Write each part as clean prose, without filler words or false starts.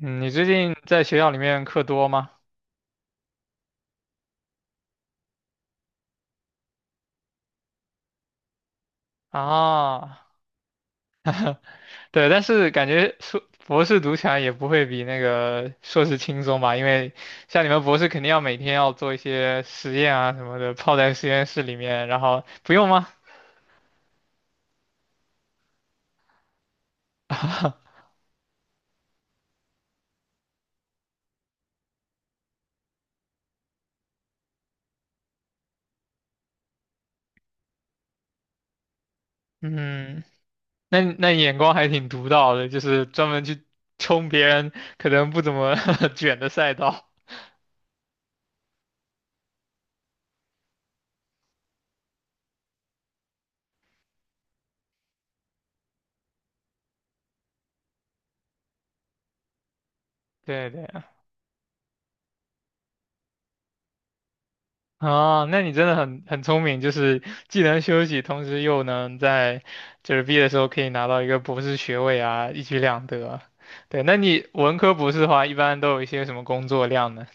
嗯，你最近在学校里面课多吗？啊，对，但是感觉硕博士读起来也不会比那个硕士轻松吧？因为像你们博士肯定要每天要做一些实验啊什么的，泡在实验室里面，然后不用吗？嗯，那你眼光还挺独到的，就是专门去冲别人可能不怎么 卷的赛道。对对，啊，那你真的很聪明，就是既能休息，同时又能在就是毕业的时候可以拿到一个博士学位啊，一举两得。对，那你文科博士的话，一般都有一些什么工作量呢？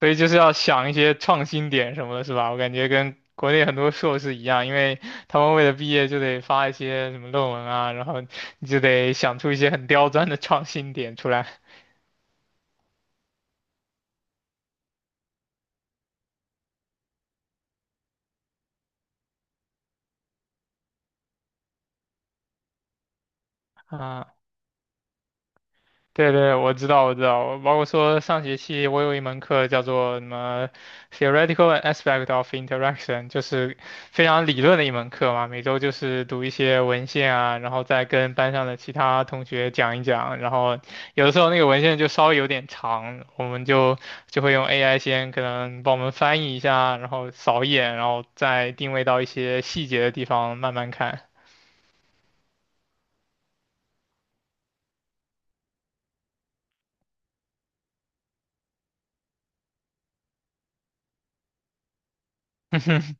所以就是要想一些创新点什么的，是吧？我感觉跟国内很多硕士一样，因为他们为了毕业就得发一些什么论文啊，然后你就得想出一些很刁钻的创新点出来啊对对，我知道，我知道，包括说上学期我有一门课叫做什么 Theoretical Aspect of Interaction，就是非常理论的一门课嘛。每周就是读一些文献啊，然后再跟班上的其他同学讲一讲。然后有的时候那个文献就稍微有点长，我们就会用 AI 先可能帮我们翻译一下，然后扫一眼，然后再定位到一些细节的地方慢慢看。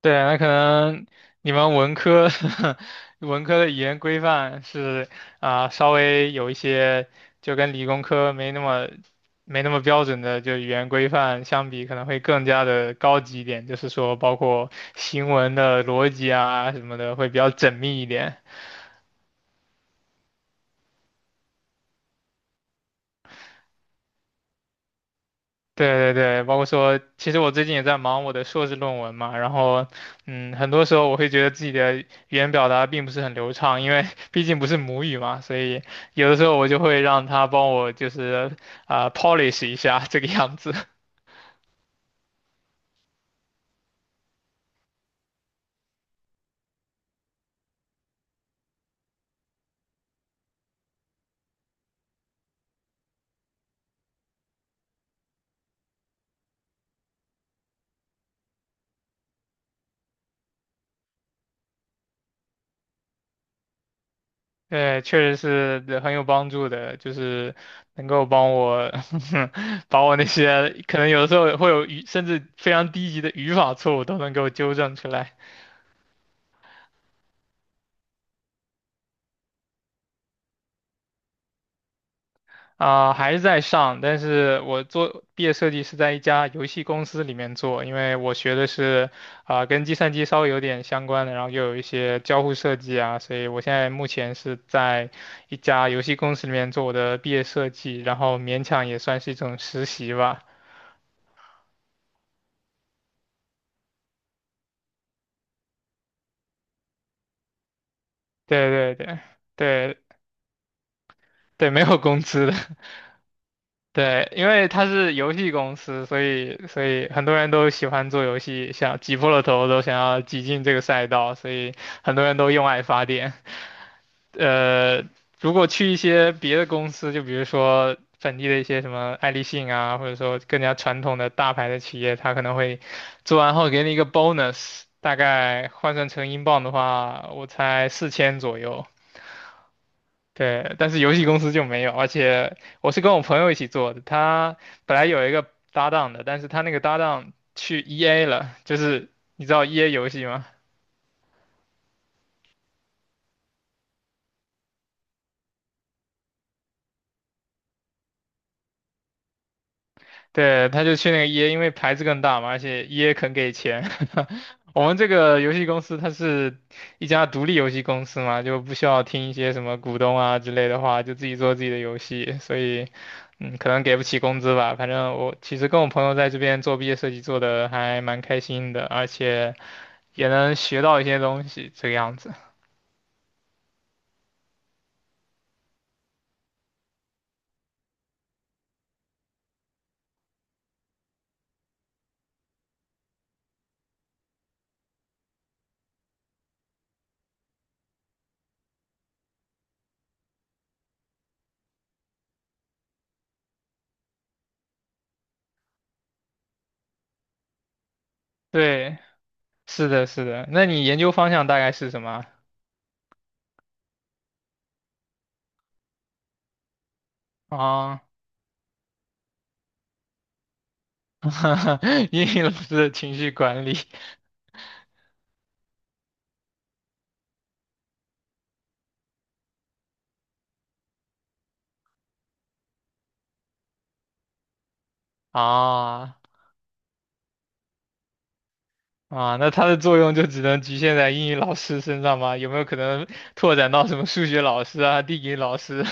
对，那可能你们文科 文科的语言规范是啊、稍微有一些就跟理工科没那么标准的，就语言规范相比，可能会更加的高级一点，就是说包括行文的逻辑啊什么的会比较缜密一点。对对对，包括说，其实我最近也在忙我的硕士论文嘛，然后，很多时候我会觉得自己的语言表达并不是很流畅，因为毕竟不是母语嘛，所以有的时候我就会让他帮我就是啊、polish 一下这个样子，对，确实是对很有帮助的，就是能够帮我 把我那些可能有的时候会有甚至非常低级的语法错误都能够纠正出来。啊、还是在上，但是我做毕业设计是在一家游戏公司里面做，因为我学的是啊、跟计算机稍微有点相关的，然后又有一些交互设计啊，所以我现在目前是在一家游戏公司里面做我的毕业设计，然后勉强也算是一种实习吧。对对对对对，没有工资的。对，因为它是游戏公司，所以很多人都喜欢做游戏，想挤破了头都想要挤进这个赛道，所以很多人都用爱发电。呃，如果去一些别的公司，就比如说本地的一些什么爱立信啊，或者说更加传统的大牌的企业，它可能会做完后给你一个 bonus，大概换算成英镑的话，我猜4000左右。对，但是游戏公司就没有，而且我是跟我朋友一起做的，他本来有一个搭档的，但是他那个搭档去 EA 了，就是你知道 EA 游戏吗？对，他就去那个 EA，因为牌子更大嘛，而且 EA 肯给钱。我们这个游戏公司它是一家独立游戏公司嘛，就不需要听一些什么股东啊之类的话，就自己做自己的游戏，所以可能给不起工资吧。反正我其实跟我朋友在这边做毕业设计做的还蛮开心的，而且。也能学到一些东西，这个样子。对，是的，是的。那你研究方向大概是什么啊？啊，英语老师的情绪管理啊啊，那它的作用就只能局限在英语老师身上吗？有没有可能拓展到什么数学老师啊、地理老师？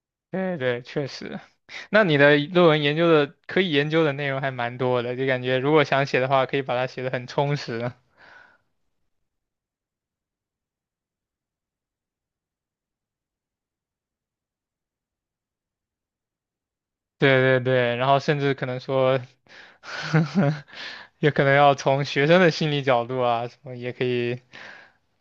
对对，确实。那你的论文研究的可以研究的内容还蛮多的，就感觉如果想写的话，可以把它写的很充实。对对对，然后甚至可能说 也可能要从学生的心理角度啊，什么也可以，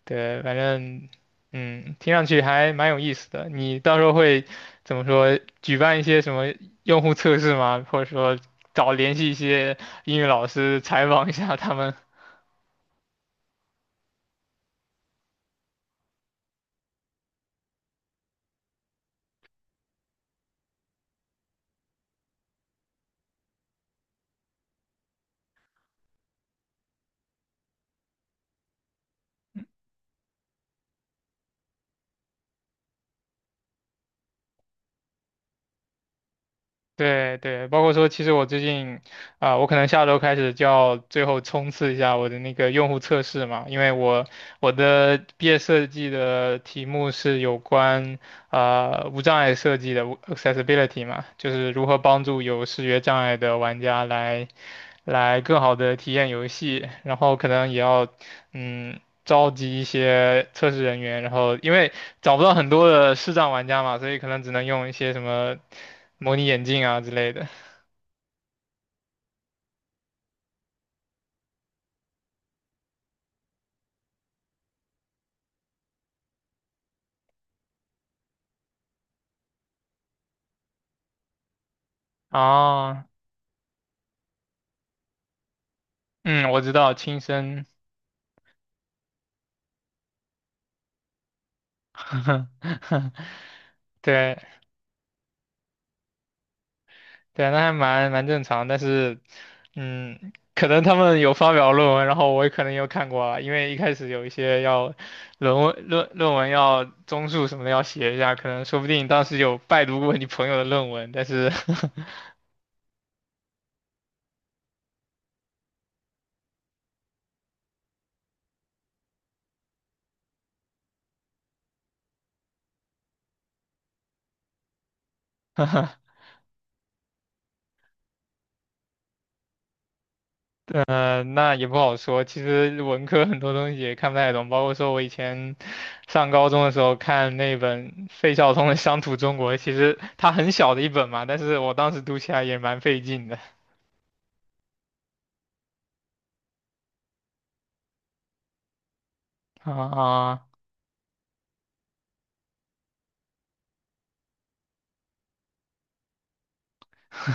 对，反正，听上去还蛮有意思的。你到时候会怎么说？举办一些什么用户测试吗？或者说找联系一些英语老师采访一下他们？对对，包括说，其实我最近啊、我可能下周开始就要最后冲刺一下我的那个用户测试嘛，因为我的毕业设计的题目是有关。无障碍设计的accessibility 嘛，就是如何帮助有视觉障碍的玩家来更好的体验游戏，然后可能也要召集一些测试人员，然后因为找不到很多的视障玩家嘛，所以可能只能用一些什么模拟眼镜啊之类的。啊，嗯，我知道，亲身，对。对啊，那还蛮正常，但是，可能他们有发表论文，然后我也可能有看过啊，因为一开始有一些要论文要综述什么的要写一下，可能说不定当时有拜读过你朋友的论文，但是，那也不好说。其实文科很多东西也看不太懂，包括说我以前上高中的时候看那本费孝通的《乡土中国》，其实它很小的一本嘛，但是我当时读起来也蛮费劲的啊。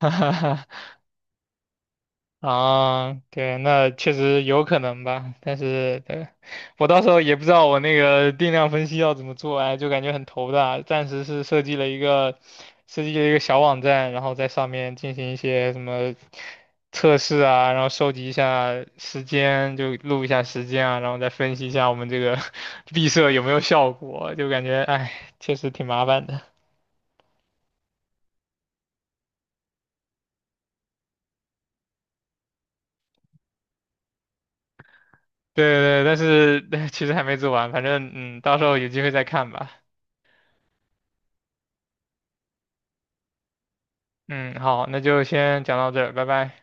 哈哈，啊，对，那确实有可能吧，但是对，我到时候也不知道我那个定量分析要怎么做，哎，就感觉很头大。暂时是设计了一个小网站，然后在上面进行一些什么测试啊，然后收集一下时间，就录一下时间啊，然后再分析一下我们这个 闭塞有没有效果，就感觉哎，确实挺麻烦的。对对，对，但是 其实还没做完，反正到时候有机会再看吧。嗯，好，那就先讲到这儿，拜拜。